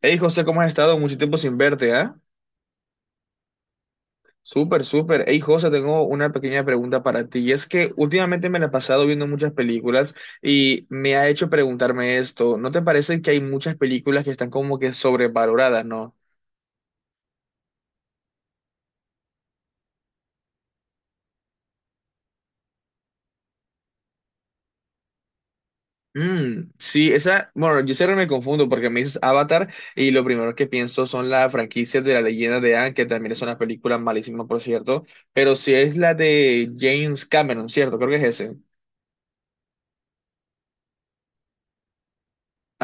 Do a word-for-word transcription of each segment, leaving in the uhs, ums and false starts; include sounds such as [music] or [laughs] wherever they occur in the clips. Hey José, ¿cómo has estado? Mucho tiempo sin verte, ¿ah? Súper, súper. Hey José, tengo una pequeña pregunta para ti. Y es que últimamente me la he pasado viendo muchas películas y me ha hecho preguntarme esto. ¿No te parece que hay muchas películas que están como que sobrevaloradas, no? Mm, sí, esa, bueno, yo siempre me confundo porque me dices Avatar y lo primero que pienso son las franquicias de La Leyenda de Anne, que también es una película malísima, por cierto, pero si es la de James Cameron, ¿cierto? Creo que es ese.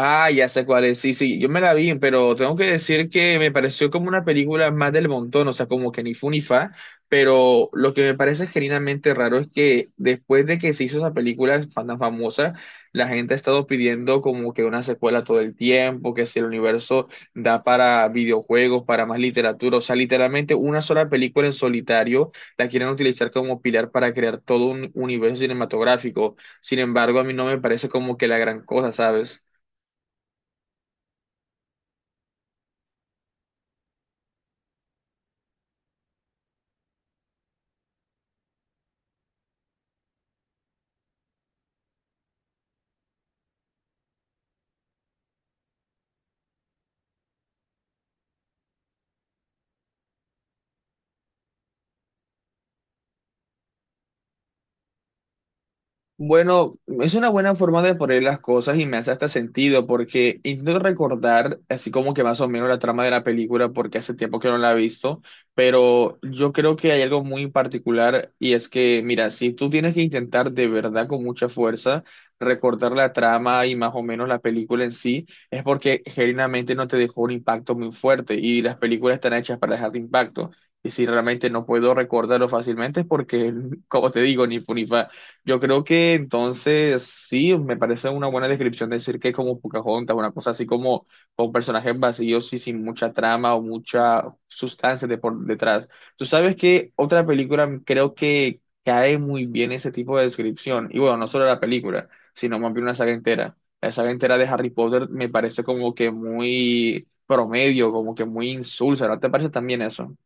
Ah, ya sé cuál es. Sí, sí, yo me la vi, pero tengo que decir que me pareció como una película más del montón, o sea, como que ni fu ni fa, pero lo que me parece genuinamente raro es que después de que se hizo esa película fan- tan famosa, la gente ha estado pidiendo como que una secuela todo el tiempo, que si el universo da para videojuegos, para más literatura, o sea, literalmente una sola película en solitario la quieren utilizar como pilar para crear todo un universo cinematográfico. Sin embargo, a mí no me parece como que la gran cosa, ¿sabes? Bueno, es una buena forma de poner las cosas y me hace hasta sentido porque intento recordar así como que más o menos la trama de la película porque hace tiempo que no la he visto, pero yo creo que hay algo muy particular y es que, mira, si tú tienes que intentar de verdad con mucha fuerza recordar la trama y más o menos la película en sí, es porque genuinamente no te dejó un impacto muy fuerte y las películas están hechas para dejar impacto. Y si realmente no puedo recordarlo fácilmente es porque, [laughs] como te digo, ni fu ni fa. Yo creo que entonces sí, me parece una buena descripción decir que es como Pocahontas, una cosa así como con personajes vacíos y sin mucha trama o mucha sustancia de por detrás. Tú sabes que otra película creo que cae muy bien ese tipo de descripción, y bueno, no solo la película, sino más bien una saga entera. La saga entera de Harry Potter me parece como que muy promedio, como que muy insulsa, ¿no te parece también eso?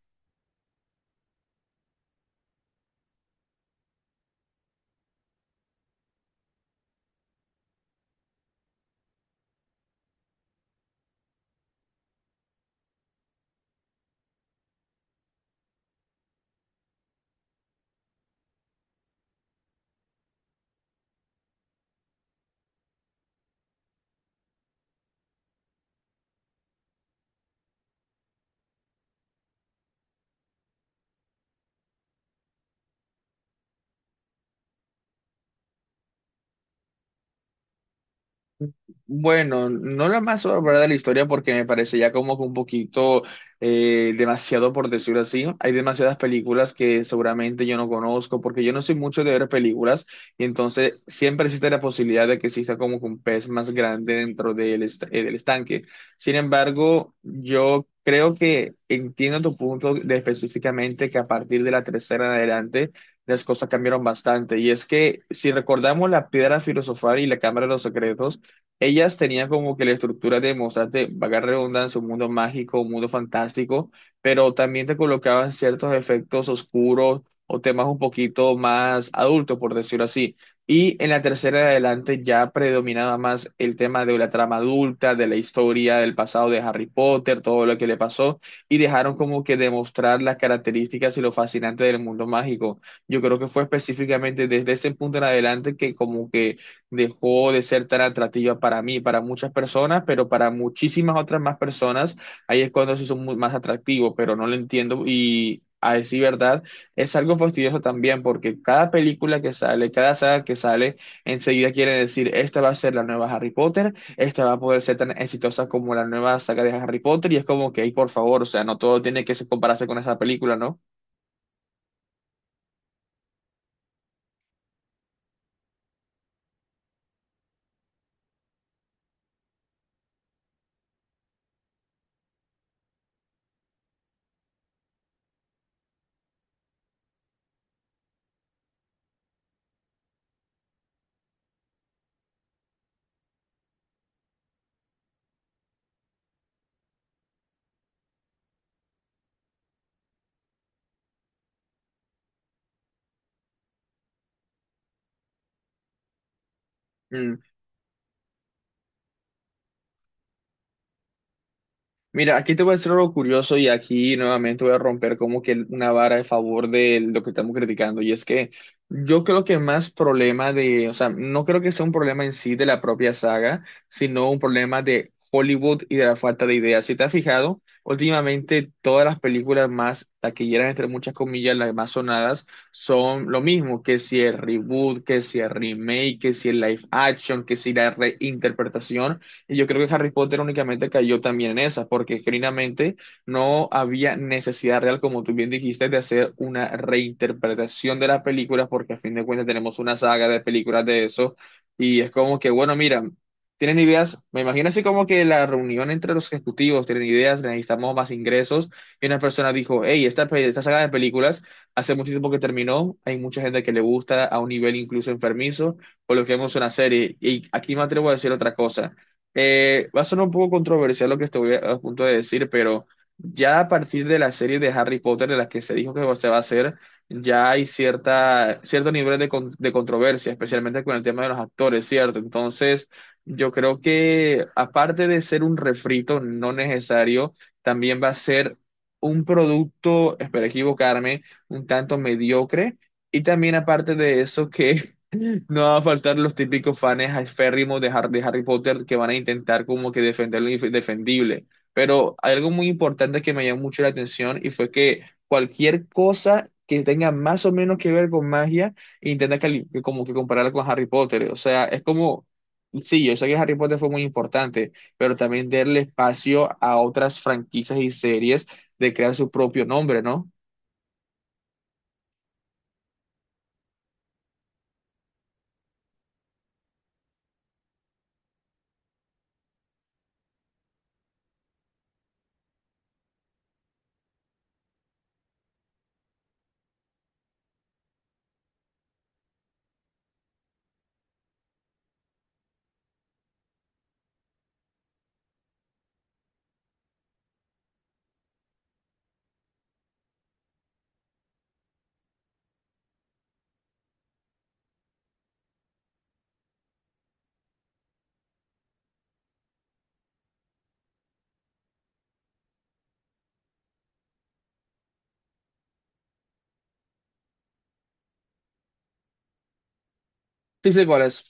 Bueno, no la más sobrevalorada de la historia porque me parece ya como que un poquito eh, demasiado por decirlo así. Hay demasiadas películas que seguramente yo no conozco porque yo no soy mucho de ver películas y entonces siempre existe la posibilidad de que exista como que un pez más grande dentro del, est- eh, del estanque. Sin embargo, yo creo que entiendo tu punto de específicamente que a partir de la tercera en adelante las cosas cambiaron bastante y es que si recordamos la piedra filosofal y la cámara de los secretos, ellas tenían como que la estructura de mostrarte, vaga redundancia, un mundo mágico, un mundo fantástico, pero también te colocaban ciertos efectos oscuros o temas un poquito más adultos, por decirlo así. Y en la tercera de adelante ya predominaba más el tema de la trama adulta, de la historia, del pasado de Harry Potter, todo lo que le pasó, y dejaron como que demostrar las características y lo fascinante del mundo mágico. Yo creo que fue específicamente desde ese punto en adelante que como que dejó de ser tan atractiva para mí, para muchas personas, pero para muchísimas otras más personas, ahí es cuando se hizo mu- más atractivo, pero no lo entiendo y a decir verdad, es algo fastidioso también porque cada película que sale, cada saga que sale, enseguida quiere decir, esta va a ser la nueva Harry Potter, esta va a poder ser tan exitosa como la nueva saga de Harry Potter y es como que, "Ey, por favor, o sea, no todo tiene que se- compararse con esa película, ¿no?" Mira, aquí te voy a decir algo curioso y aquí nuevamente voy a romper como que una vara a favor de lo que estamos criticando. Y es que yo creo que más problema de, o sea, no creo que sea un problema en sí de la propia saga, sino un problema de Hollywood y de la falta de ideas. Si te has fijado, últimamente todas las películas más taquilleras, entre muchas comillas, las más sonadas, son lo mismo, que si el reboot, que si el remake, que si el live action, que si la reinterpretación. Y yo creo que Harry Potter únicamente cayó también en esa, porque genuinamente no había necesidad real, como tú bien dijiste, de hacer una reinterpretación de las películas, porque a fin de cuentas tenemos una saga de películas de eso. Y es como que, bueno, mira, tienen ideas, me imagino así como que la reunión entre los ejecutivos, tienen ideas, necesitamos más ingresos. Y una persona dijo, hey, esta, pe- esta saga de películas hace mucho tiempo que terminó, hay mucha gente que le gusta a un nivel incluso enfermizo, coloquemos una serie. Y aquí me atrevo a decir otra cosa. Eh, va a sonar un poco controversial lo que estoy a, a punto de decir, pero ya a partir de la serie de Harry Potter de las que se dijo que se va a hacer, ya hay cierta, cierto nivel de, con- de controversia, especialmente con el tema de los actores, ¿cierto? Entonces, yo creo que aparte de ser un refrito no necesario, también va a ser un producto, espero equivocarme, un tanto mediocre. Y también aparte de eso, que no va a faltar los típicos fans aférrimos de Har- de Harry Potter que van a intentar como que defender lo indefendible. Pero hay algo muy importante que me llamó mucho la atención y fue que cualquier cosa que tenga más o menos que ver con magia, intenta cali- como que compararla con Harry Potter. O sea, es como, sí, yo sé que Harry Potter fue muy importante, pero también darle espacio a otras franquicias y series de crear su propio nombre, ¿no? Sí sé cuál es.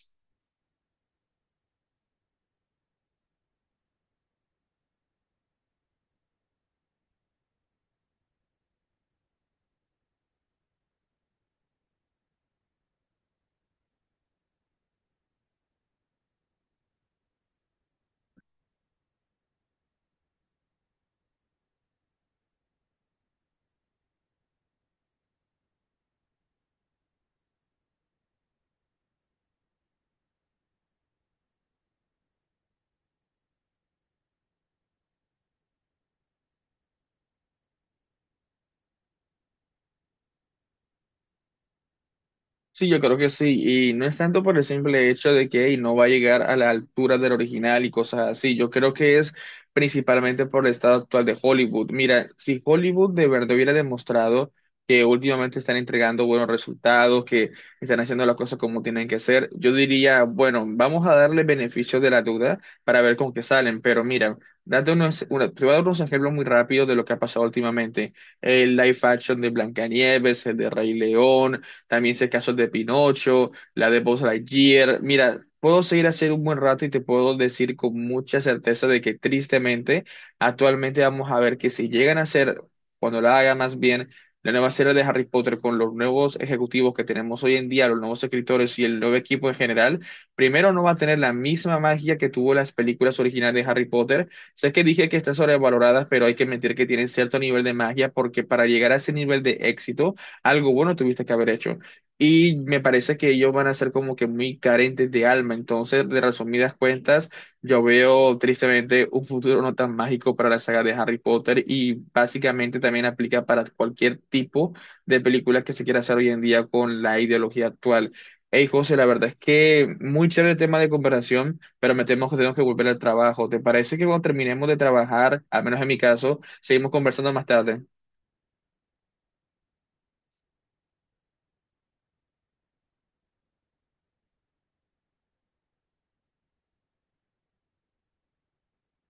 Sí, yo creo que sí, y no es tanto por el simple hecho de que hey, no va a llegar a la altura del original y cosas así, yo creo que es principalmente por el estado actual de Hollywood. Mira, si Hollywood de verdad hubiera demostrado que últimamente están entregando buenos resultados, que están haciendo las cosas como tienen que ser, yo diría, bueno, vamos a darle beneficio de la duda para ver con qué salen, pero mira, date unos, una- te voy a dar unos ejemplos muy rápidos de lo que ha pasado últimamente, el live action de Blancanieves, el de Rey León, también sé casos de Pinocho, la de Buzz Lightyear. Mira, puedo seguir así un buen rato y te puedo decir con mucha certeza de que tristemente, actualmente vamos a ver que si llegan a hacer, cuando la haga más bien, la nueva serie de Harry Potter con los nuevos ejecutivos que tenemos hoy en día, los nuevos escritores y el nuevo equipo en general, primero no va a tener la misma magia que tuvo las películas originales de Harry Potter. Sé que dije que están sobrevaloradas, pero hay que admitir que tienen cierto nivel de magia porque para llegar a ese nivel de éxito, algo bueno tuviste que haber hecho. Y me parece que ellos van a ser como que muy carentes de alma. Entonces, de resumidas cuentas, yo veo tristemente un futuro no tan mágico para la saga de Harry Potter y básicamente también aplica para cualquier tipo de película que se quiera hacer hoy en día con la ideología actual. Hey, José, la verdad es que muy chévere el tema de comparación, pero me temo que tenemos que volver al trabajo. ¿Te parece que cuando terminemos de trabajar, al menos en mi caso, seguimos conversando más tarde?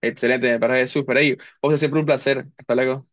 Excelente, me parece súper. Hey, José, siempre un placer. Hasta luego.